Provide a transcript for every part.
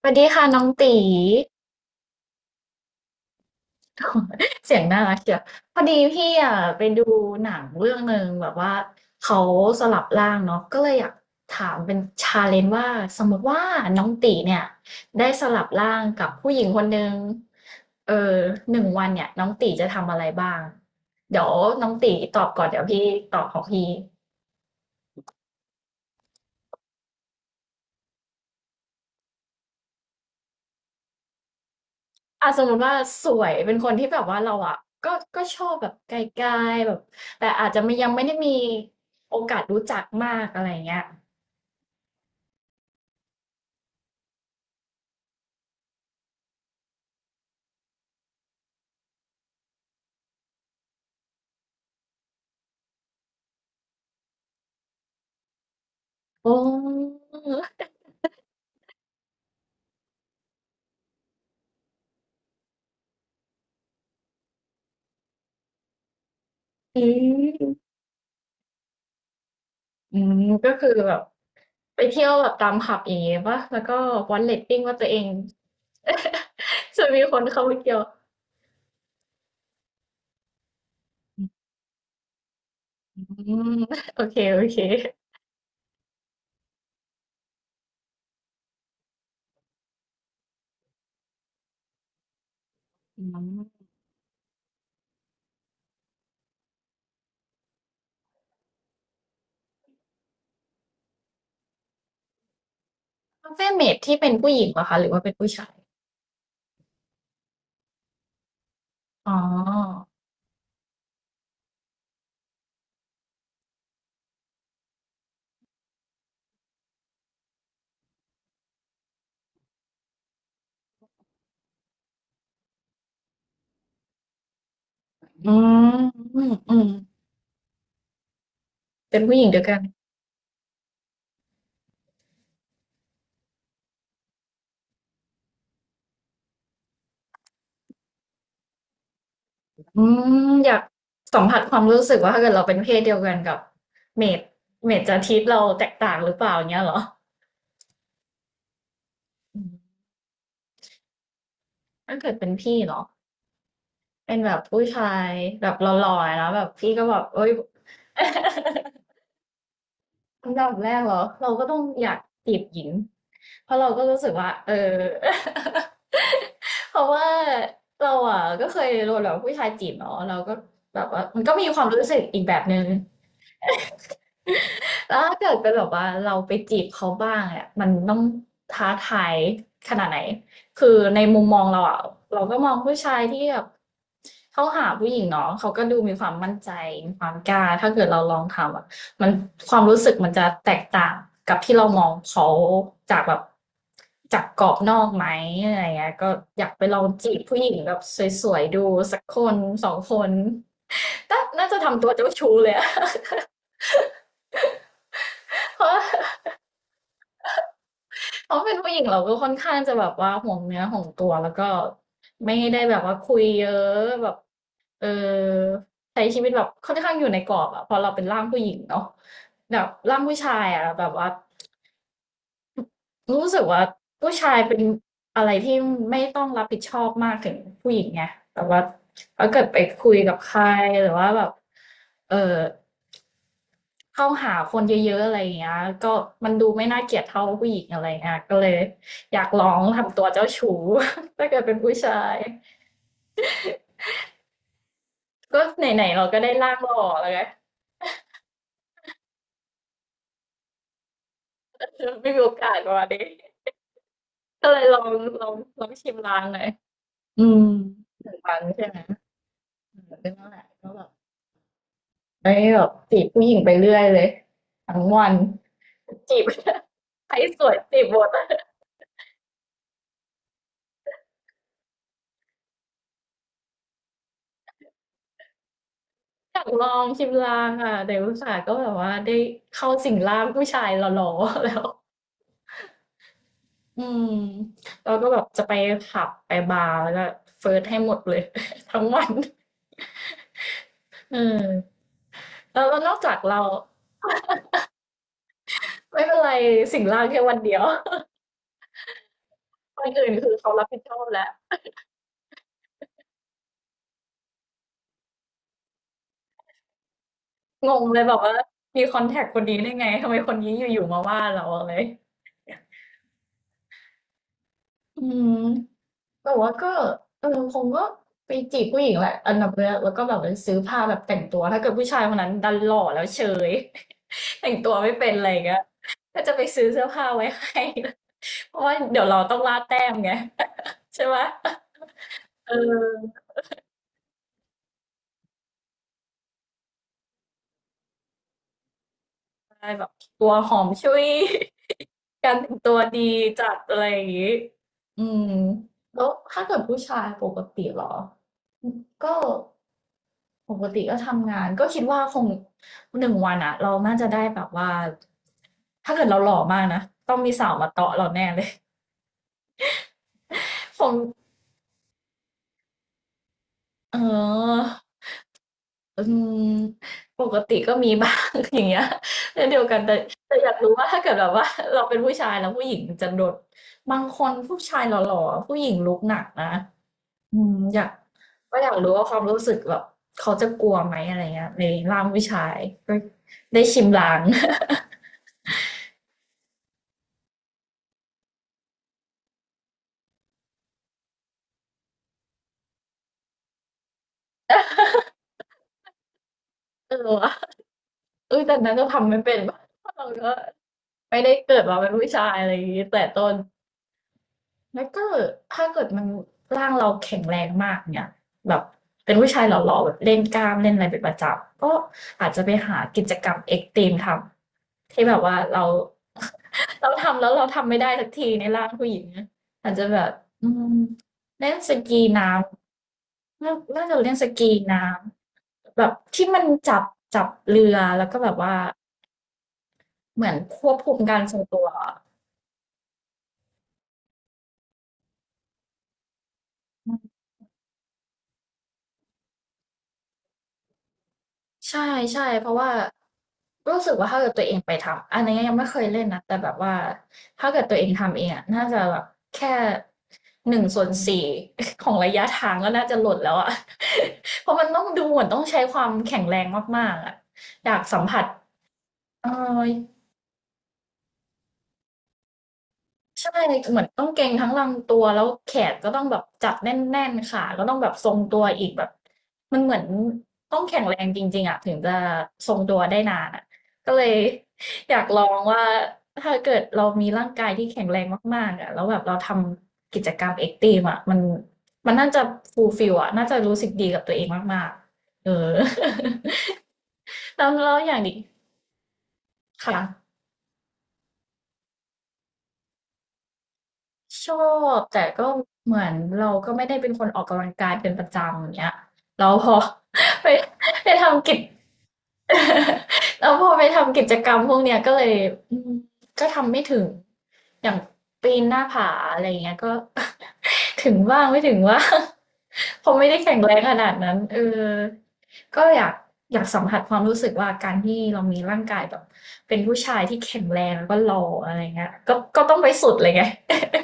สวัสดีค่ะน้องตี เสียงน่ารักเชียวพอดีพี่อ่ะไปดูหนังเรื่องหนึ่งแบบว่าเขาสลับร่างเนาะก็เลยอยากถามเป็นชาเลนจ์ว่าสมมติว่าน้องตีเนี่ยได้สลับร่างกับผู้หญิงคนหนึ่งเออหนึ่งวันเนี่ยน้องตีจะทำอะไรบ้างเดี๋ยวน้องตีตอบก่อนเดี๋ยวพี่ตอบของพี่ อ่ะสมมติว่าสวยเป็นคนที่แบบว่าเราอะก็ก็ชอบแบบไกลๆแบบแต่อาจจะไม่ยังไม่ได้มีโอกาสรู้จักมากอะไรเงี้ยโออืมอืมก็คือแบบไปเที่ยวแบบตามผับอย่างเงี้เป่ะแล้วก็วัดเรตติงว่าตัวเอง จะมีคนเข้าไปเที่ยวอืมโอเคโอเคอืม h า u ฟ e m a ที่เป็นผู้หญิงเหรอคะหรือว่าเป็นผู้ชายอ๋ออืมอืมอืมเป็นผู้หญิงเดยวกัน อืมอยากสัมผัสความรู้สึกว่าถ้าเกิดเราเป็นเพศเดียวกันกับเมดเมดจะทิตเราแตกต่างหรือเปล่าอย่างเงี้ยเหรออืมถ้าเกิดเป็นพี่เนาะเป็นแบบผู้ชายแบบหล่อๆแล้วแบบพี่ก็แบบเอ้ย อันดับแรกเหรอเราก็ต้องอยากจีบหญิงเพราะเราก็รู้สึกว่าเออ เพราะว่าเราอ่ะก็เคยโดนแบบผู้ชายจีบเนาะเราก็แบบว่ามันก็มีความรู้สึกอีกแบบนึง แล้วถ้าเกิดเป็นแบบว่าเราไปจีบเขาบ้างเนี่ยมันต้องท้าทายขนาดไหนคือในมุมมองเราอะเราก็มองผู้ชายที่แบบเขาหาผู้หญิงเนาะเขาก็ดูมีความมั่นใจมีความกล้าถ้าเกิดเราลองทำอะมันความรู้สึกมันจะแตกต่างกับที่เรามองเขาจากแบบจากกรอบนอกไหมอะไรเงี้ยก็อยากไปลองจีบผู้หญิงแบบสวยๆดูสักคนสองคนน่าน่าจะทำตัวเจ้าชู้เลยอะ เพราะว่า เพราะเป็นผู้หญิงเราก็ค่อนข้างจะแบบว่าห่วงเนื้อห่วงตัวแล้วก็ไม่ได้แบบว่าคุยเยอะแบบเออใช้ชีวิตแบบค่อนข้างอยู่ในกรอบอะพอเราเป็นร่างผู้หญิงเนาะแบบร่างผู้ชายอะแบบว่ารู้สึกว่าผู้ชายเป็นอะไรที่ไม่ต้องรับผิดชอบมากถึงผู้หญิงไงแบบว่าถ้าเกิดไปคุยกับใครหรือว่าแบบเออ เข้าหาคนเยอะๆอะไรอย่างเงี้ยก็มันดูไม่น่าเกลียดเท่าผู้หญิงอะไรเงี้ยก็เลยอยากลองทำตัวเจ้าชู้ ถ้าเกิดเป็นผู้ชายก็ไหนๆเราก็ได้ร่างหล่อแล้วไง ไม่มีโอกาสประมาด้ก็เลยลองลองชิมลางหน่อยอืมถึงวันใช่ไหมอืมก็นั่นแหละก็แบบได้แบบจีบผู้หญิงไปเรื่อยเลยทั้งวันจีบ ใครสวยจีบหมด อยากลองชิมลางอ่ะแต่อุตส่าห์ก็แบบว่าได้เข้าสิงร่างผู้ชายหล่อๆแล้ว อืมเราก็แบบจะไปผับไปบาร์แล้วก็เฟิร์สให้หมดเลย ทั้งวันเออแล้วนอกจากเราไม่เป็นไรสิ่งล่างแค่วันเดียว คนอื่นคือเขารับผิดชอบแล้วงงเลยแบบว่ามีคอนแทคคนนี้ได้ไงทำไมคนนี้อยู่ๆมาว่าเราอะไรอืมแต่ว่าก็เออคงก็ไปจีบผู้หญิงแหละอันดับแรกแล้วก็แบบไปซื้อผ้าแบบแต่งตัวถ้าเกิดผู้ชายคนนั้นดันหล่อแล้วเฉย แต่งตัวไม่เป็นอะไรอย่างเงี้ยก็จะไปซื้อเสื้อผ้าไว้ให้ เพราะว่าเดี๋ยวเราต้องล่าแต้มไง ใช่ไหมเออใช่แบบตัวหอมชุย การแต่งตัวดีจัดอะไรอย่างนี้อืมแล้วถ้าเกิดผู้ชายปกติเหรอก็ปกติก็ทำงานก็คิดว่าคงหนึ่งวันอะเราน่าจะได้แบบว่าถ้าเกิดเราหล่อมากนะต้องมีสาวมาเตาะเราแน่เลย คงเออ อืมปกติก็มีบ้าง อย่างเงี้ยเช่นเดียวกันแต่แต่อยากรู้ว่าถ้าเกิดแบบว่าเราเป็นผู้ชายแล้วผู้หญิงจะโดนบางคนผู้ชายหล่อๆอะผู้หญิงลุกหนักนะอืมอยากก็อยากรู้ว่าความรู้สึกแบบเขาจะกลัวไหมอะไรเงี้ยในร่างผู้ชายก็ได้ชิมลาง เออว่ะอุ๊ยแต่นั้นก็ทำไม่เป็น เพราะเราก็ไม่ได้เกิดมาเป็นผู้ชายอะไรอย่างงี้แต่ต้น แล้วก็ถ้าเกิดมันร่างเราแข็งแรงมากเนี่ยแบบเป็นผู้ชายหล่อๆแบบเล่นกล้ามเล่นอะไรเป็นประจำก็อาจจะไปหากิจกรรมเอ็กซ์ตรีมทำที่แบบว่าเรา เราทำแล้วเราทำไม่ได้สักทีในร่างผู้หญิงนะอาจจะแบบอืมเล่นสกีน้ำน่าจะเล่นสกีน้ำแบบที่มันจับเรือแล้วก็แบบว่าเหมือนควบคุมการทรงตัว ใช่ใช่เพราะว่ารู้สึกว่าถ้าเกิดตัวเองไปทำอันนี้ยังไม่เคยเล่นนะแต่แบบว่าถ้าเกิดตัวเองทำเองอะน่าจะแบบแค่1/4 ของระยะทางก็น่าจะหล่นแล้วอะ เพราะมันต้องดูเหมือนต้องใช้ความแข็งแรงมากๆอะอยากสัมผัสเออ ใช่เหมือนต้องเกร็งทั้งลำตัวแล้วแขนก็ต้องแบบจับแน่นๆขาก็ต้องแบบทรงตัวอีกแบบมันเหมือนต้องแข็งแรงจริงๆอ่ะถึงจะทรงตัวได้นานอ่ะก็เลย อยากลองว่าถ้าเกิดเรามีร่างกายที่แข็งแรงมากๆอ่ะแล้วแบบเราทำกิจกรรมเอ็กซ์ตรีมอ่ะมันน่าจะฟูลฟิลอ่ะน่าจะรู้สึกดีกับตัวเองมากๆเออ แล้วอย่างนี้ค่ะ ชอบแต่ก็เหมือนเราก็ไม่ได้เป็นคนออกกำลังกายเป็นประจำอย่างเงี้ยเราพอ ไปไปทำกิจ แล้วพอไปทำกิจกรรมพวกเนี้ยก็เลยอืมก็ทำไม่ถึงอย่างปีนหน้าผาอะไรอย่างเงี้ยก็ ถึงบ้างไม่ถึงว่าง เพราะไม่ได้แข็งแรงขนาดนั้นเออก็อยากสัมผัสความรู้สึกว่าการที่เรามีร่างกายแบบเป็นผู้ชายที่แข็งแรงแล้วก็หล่ออะไรเงี้ยก็ต้องไปสุดเลยไง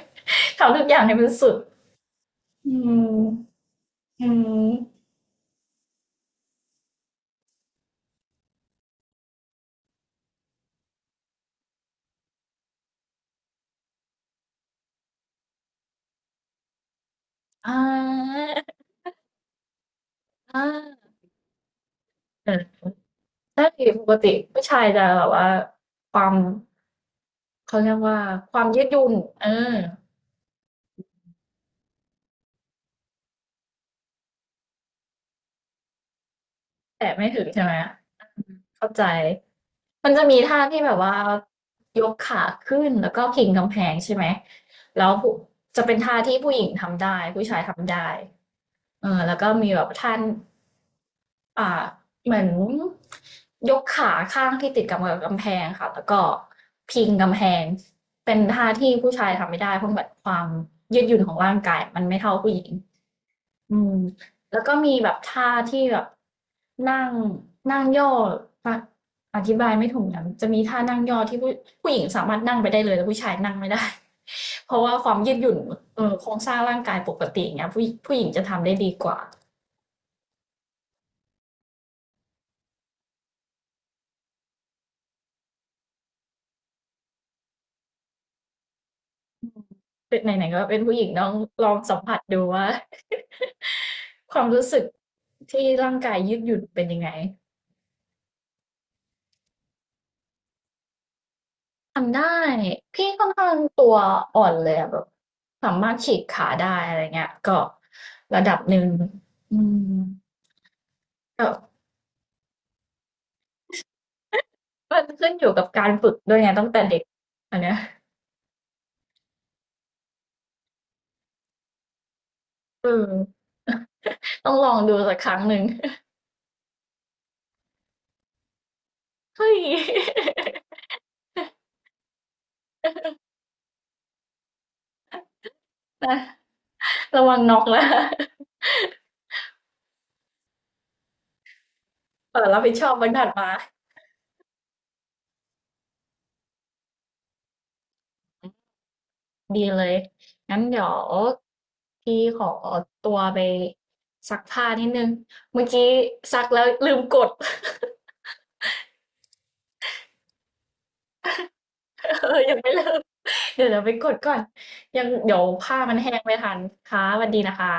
ทำทุกอย่างให้มันสุดอืมอืมอ่าอ่า ใช่ปกติผู้ชายจะแบบว่าความเขาเรียกว่าความยืดหยุ่นเออแต่ไม่ถึงใช่ไหมเข้าใจมันจะมีท่าที่แบบว่ายกขาขึ้นแล้วก็พิงกำแพงใช่ไหมแล้วผู้จะเป็นท่าที่ผู้หญิงทำได้ผู้ชายทำได้เออแล้วก็มีแบบท่า อ่าเหมือนยกขาข้างที่ติดกับกำแพงค่ะแล้วก็พิงกำแพงเป็นท่าที่ผู้ชายทำไม่ได้เพราะแบบความยืดหยุ่นของร่างกายมันไม่เท่าผู้หญิงอืมแล้วก็มีแบบท่าที่แบบนั่งนั่งย่ออะอธิบายไม่ถูกนะจะมีท่านั่งย่อที่ผู้หญิงสามารถนั่งไปได้เลยแต่ผู้ชายนั่งไม่ได้ เพราะว่าความยืดหยุ่นเออโครงสร้างร่างกายปกติอย่างเงี้ยผู้หญิงจะทำได้ดีกว่า เป็นไหนๆก็เป็นผู้หญิงต้องลองสัมผัสดูว่า ความรู้สึกที่ร่างกายยืดหยุ่นเป็นยังไงทำได้พี่ค่อนข้างตัวอ่อนเลยอะแบบสามารถฉีกขาได้อะไรเงี้ยก็ระดับหนึ่งอืมก็มันขึ้นอยู่กับการฝึกด้วยไงตั้งแต่เด็กอันเนี้ยเออต้องลองดูสักครั้งหนึ่งเฮ้ย ระวังน็อกนะ เออรับผิดชอบวันถัดมา ดีเลย งั้นเดี๋ยวพี่ขอตัวไปซักผ้านิดนึงเมื่อกี้ซักแล้วลืมกด เออยังไม่เริ่มเดี๋ยวไปกดก่อน ยังเดี๋ยวผ้ามันแห้งไม่ทันค่ะสวัสดีนะคะ